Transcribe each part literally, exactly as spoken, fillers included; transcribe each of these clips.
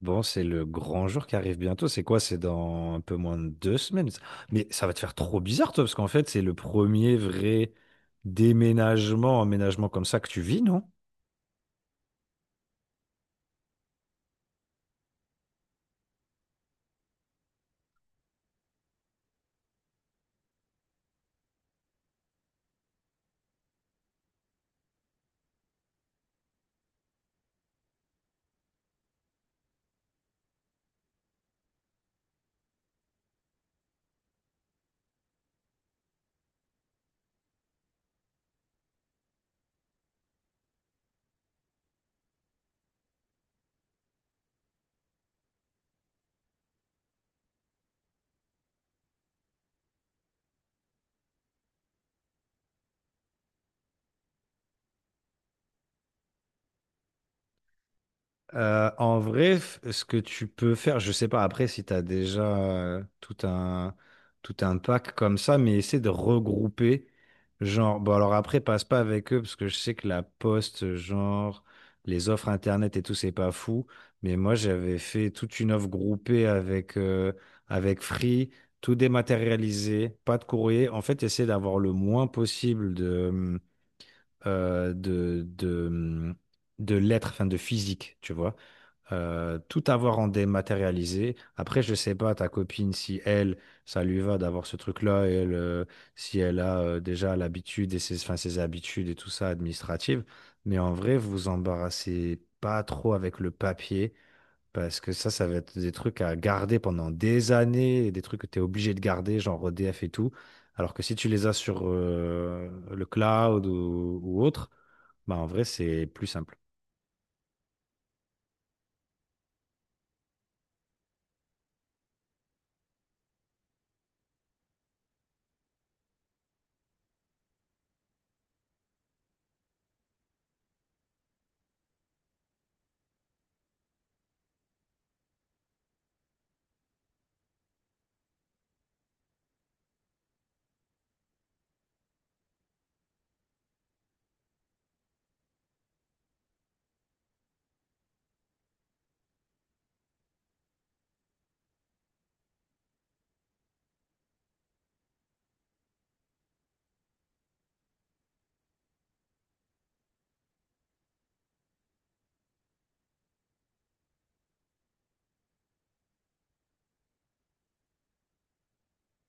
Bon, c'est le grand jour qui arrive bientôt. C'est quoi? C'est dans un peu moins de deux semaines. Ça. Mais ça va te faire trop bizarre, toi, parce qu'en fait, c'est le premier vrai déménagement, emménagement comme ça que tu vis, non? Euh, en vrai, f- ce que tu peux faire, je sais pas après si tu as déjà euh, tout un, tout un pack comme ça, mais essaie de regrouper. Genre, bon, alors après, passe pas avec eux parce que je sais que la poste, genre, les offres internet et tout, c'est pas fou. Mais moi, j'avais fait toute une offre groupée avec, euh, avec Free, tout dématérialisé, pas de courrier. En fait, essaie d'avoir le moins possible de, euh, de, de, de lettres, enfin de physique, tu vois euh, tout avoir en dématérialisé. Après, je sais pas, ta copine, si elle, ça lui va d'avoir ce truc-là, et elle, euh, si elle a euh, déjà l'habitude et ses, enfin, ses habitudes et tout ça administratives. Mais en vrai, vous vous embarrassez pas trop avec le papier, parce que ça, ça va être des trucs à garder pendant des années, et des trucs que tu es obligé de garder, genre E D F et tout. Alors que si tu les as sur euh, le cloud ou, ou autre, bah en vrai, c'est plus simple.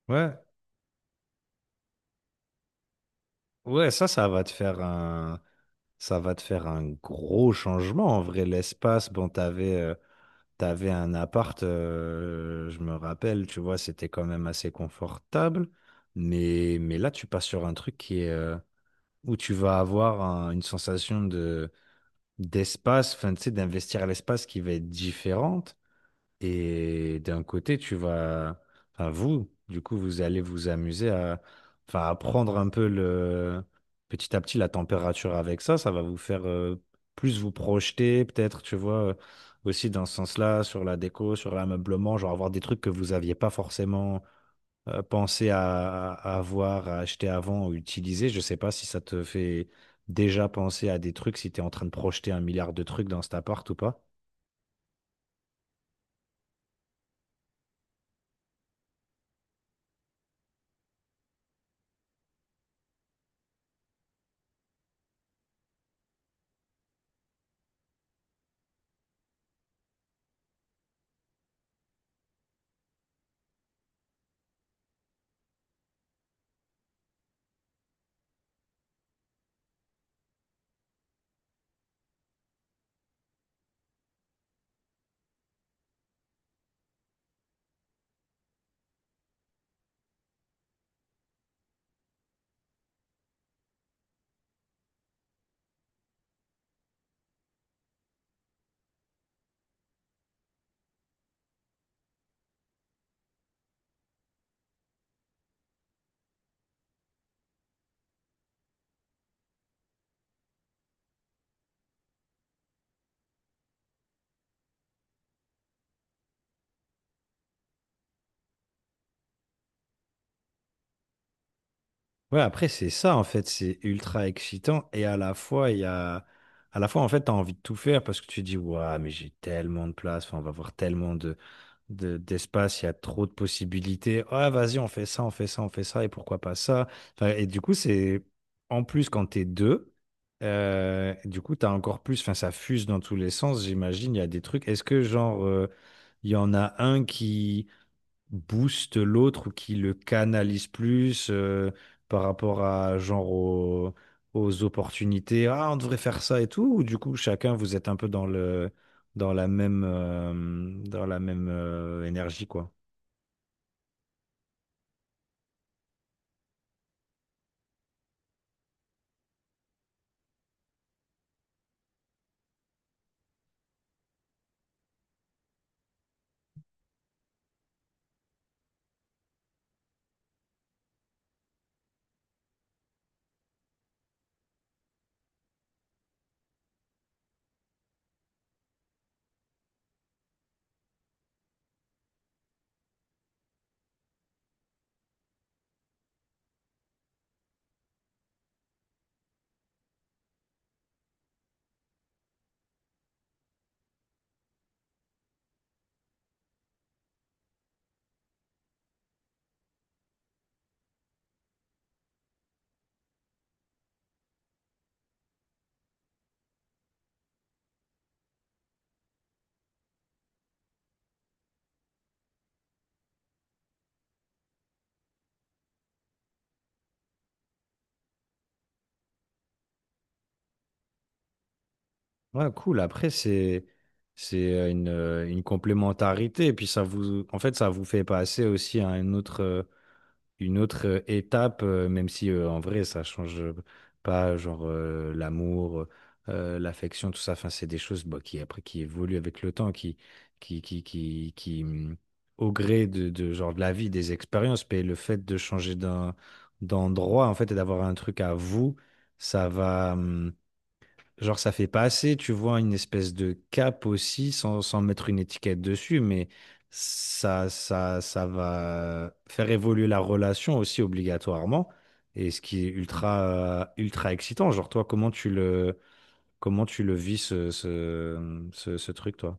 Ouais, ouais, ça, ça va te faire un, ça va te faire un gros changement. En vrai, l'espace, bon, t'avais, euh, t'avais un appart, euh, je me rappelle, tu vois, c'était quand même assez confortable. Mais, mais là, tu passes sur un truc qui est, euh, où tu vas avoir un- une sensation de, d'espace, enfin, tu sais, d'investir à l'espace qui va être différente. Et d'un côté, tu vas, enfin vous, du coup, vous allez vous amuser à, enfin, à prendre un peu le, petit à petit la température avec ça. Ça va vous faire euh, plus vous projeter, peut-être, tu vois, euh, aussi dans ce sens-là, sur la déco, sur l'ameublement, genre avoir des trucs que vous n'aviez pas forcément euh, pensé à, à avoir, à acheter avant ou utiliser. Je sais pas si ça te fait déjà penser à des trucs, si tu es en train de projeter un milliard de trucs dans cet appart ou pas. Ouais, après, c'est ça, en fait, c'est ultra excitant et à la fois, il y a... À la fois, en fait, t'as envie de tout faire parce que tu dis, waouh, mais j'ai tellement de place, enfin, on va voir tellement de, de- d'espace, il y a trop de possibilités. Ah, vas-y, on fait ça, on fait ça, on fait ça, et pourquoi pas ça? Enfin, et du coup, c'est, en plus, quand t'es deux, euh, du coup, t'as encore plus, enfin, ça fuse dans tous les sens, j'imagine, il y a des trucs. Est-ce que, genre, euh, il y en a un qui booste l'autre ou qui le canalise plus euh, par rapport à genre au- aux opportunités. Ah, on devrait faire ça et tout. Ou du coup, chacun, vous êtes un peu dans le dans la même euh, dans la même euh, énergie quoi. Ouais, cool. Après, c'est c'est euh, une, euh, une complémentarité et puis ça vous en fait ça vous fait passer aussi à un autre euh, une autre euh, étape, euh, même si euh, en vrai ça change euh, pas, genre euh, l'amour, euh, l'affection, tout ça. Enfin, c'est des choses bah, qui après qui évoluent avec le temps, qui qui qui qui, qui, hum, au gré de, de genre de la vie, des expériences, mais le fait de changer d'un d'endroit en fait et d'avoir un truc à vous, ça va. hum, Genre, ça fait pas assez, tu vois, une espèce de cap aussi, sans, sans mettre une étiquette dessus, mais ça, ça, ça va faire évoluer la relation aussi obligatoirement. Et ce qui est ultra, euh, ultra excitant. Genre, toi, comment tu le, comment tu le vis, ce, ce, ce, ce truc, toi?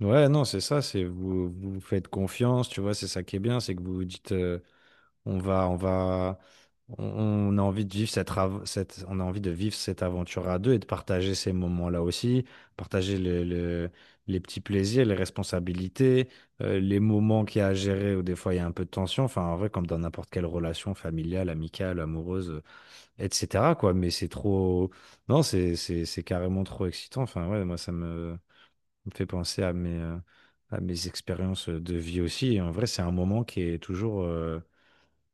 Ouais, non, c'est ça, c'est vous, vous faites confiance, tu vois, c'est ça qui est bien, c'est que vous vous dites. euh, On va, on va, on, on a envie de vivre cette, av- cette- on a envie de vivre cette aventure à deux et de partager ces moments-là aussi, partager le- le- les petits plaisirs, les responsabilités, euh, les moments qu'il y a à gérer où des fois il y a un peu de tension. Enfin, en vrai, comme dans n'importe quelle relation familiale, amicale, amoureuse, euh, et cétéra quoi. Mais c'est trop, non, c'est, c'est, c'est carrément trop excitant. Enfin, ouais, moi, ça me, me fait penser à mes, euh, à mes expériences de vie aussi. Et en vrai, c'est un moment qui est toujours. euh,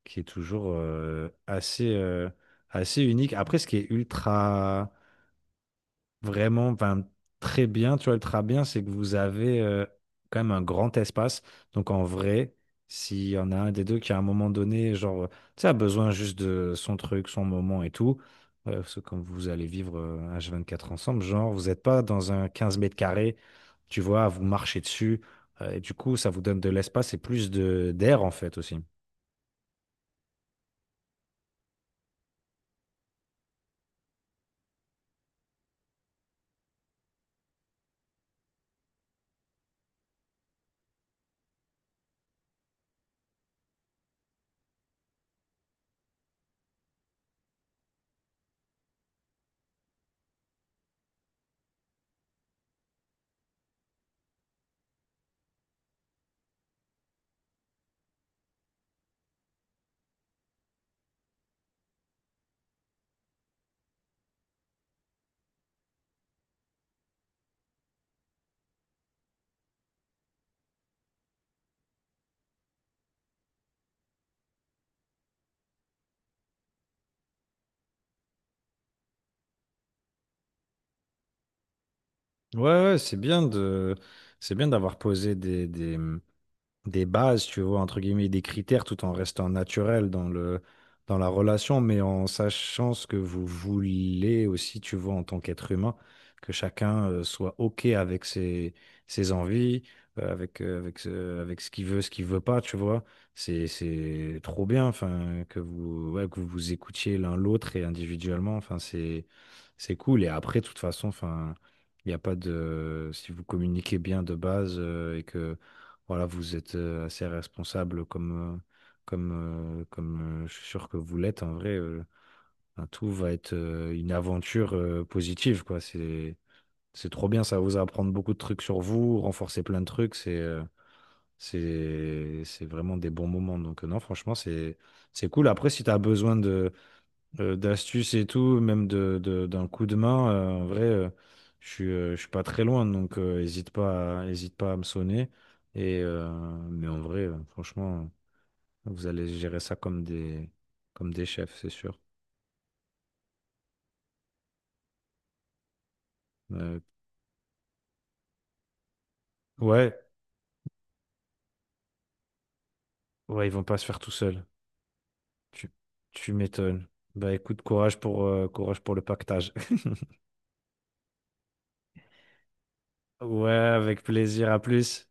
qui est toujours euh, assez, euh, assez unique. Après, ce qui est ultra, vraiment, enfin, très bien, tu vois, ultra bien, c'est que vous avez euh, quand même un grand espace. Donc, en vrai, s'il y en a un des deux qui, à un moment donné, genre, tu sais, a besoin juste de son truc, son moment et tout, euh, parce que quand vous allez vivre euh, un H vingt-quatre ensemble, genre, vous n'êtes pas dans un quinze mètres carrés, tu vois, à vous marcher dessus. Euh, et du coup, ça vous donne de l'espace et plus de d'air, en fait, aussi. Ouais, ouais, c'est bien de, c'est bien d'avoir posé des, des, des bases, tu vois, entre guillemets, des critères tout en restant naturel dans le, dans la relation, mais en sachant ce que vous voulez aussi, tu vois, en tant qu'être humain, que chacun euh, soit OK avec ses, ses envies, euh, avec, euh, avec, ce- avec ce qu'il veut, ce qu'il veut pas, tu vois. C'est, c'est trop bien, enfin, que vous, ouais, que vous vous écoutiez l'un l'autre et individuellement, enfin, c'est, c'est cool. Et après, de toute façon, enfin, il n'y a pas de, si vous communiquez bien de base, euh, et que voilà, vous êtes euh, assez responsable comme, euh, comme, euh, comme euh, je suis sûr que vous l'êtes. En vrai, euh, enfin, tout va être euh, une aventure euh, positive, quoi. C'est, c'est trop bien, ça va vous apprendre beaucoup de trucs sur vous, renforcer plein de trucs. C'est, euh, c'est, c'est vraiment des bons moments. Donc, euh, non, franchement, c'est, c'est cool. Après, si tu as besoin de euh, d'astuces et tout, même de, de- d'un coup de main, euh, en vrai, euh, je suis, euh, je suis pas très loin, donc euh, hésite pas à, hésite pas à me sonner. Et, euh, mais en vrai, euh, franchement, vous allez gérer ça comme des, comme des chefs, c'est sûr. Euh, ouais, ouais, ils vont pas se faire tout seuls. Tu, tu m'étonnes. Bah écoute, courage pour, euh, courage pour le pactage. Ouais, avec plaisir, à plus.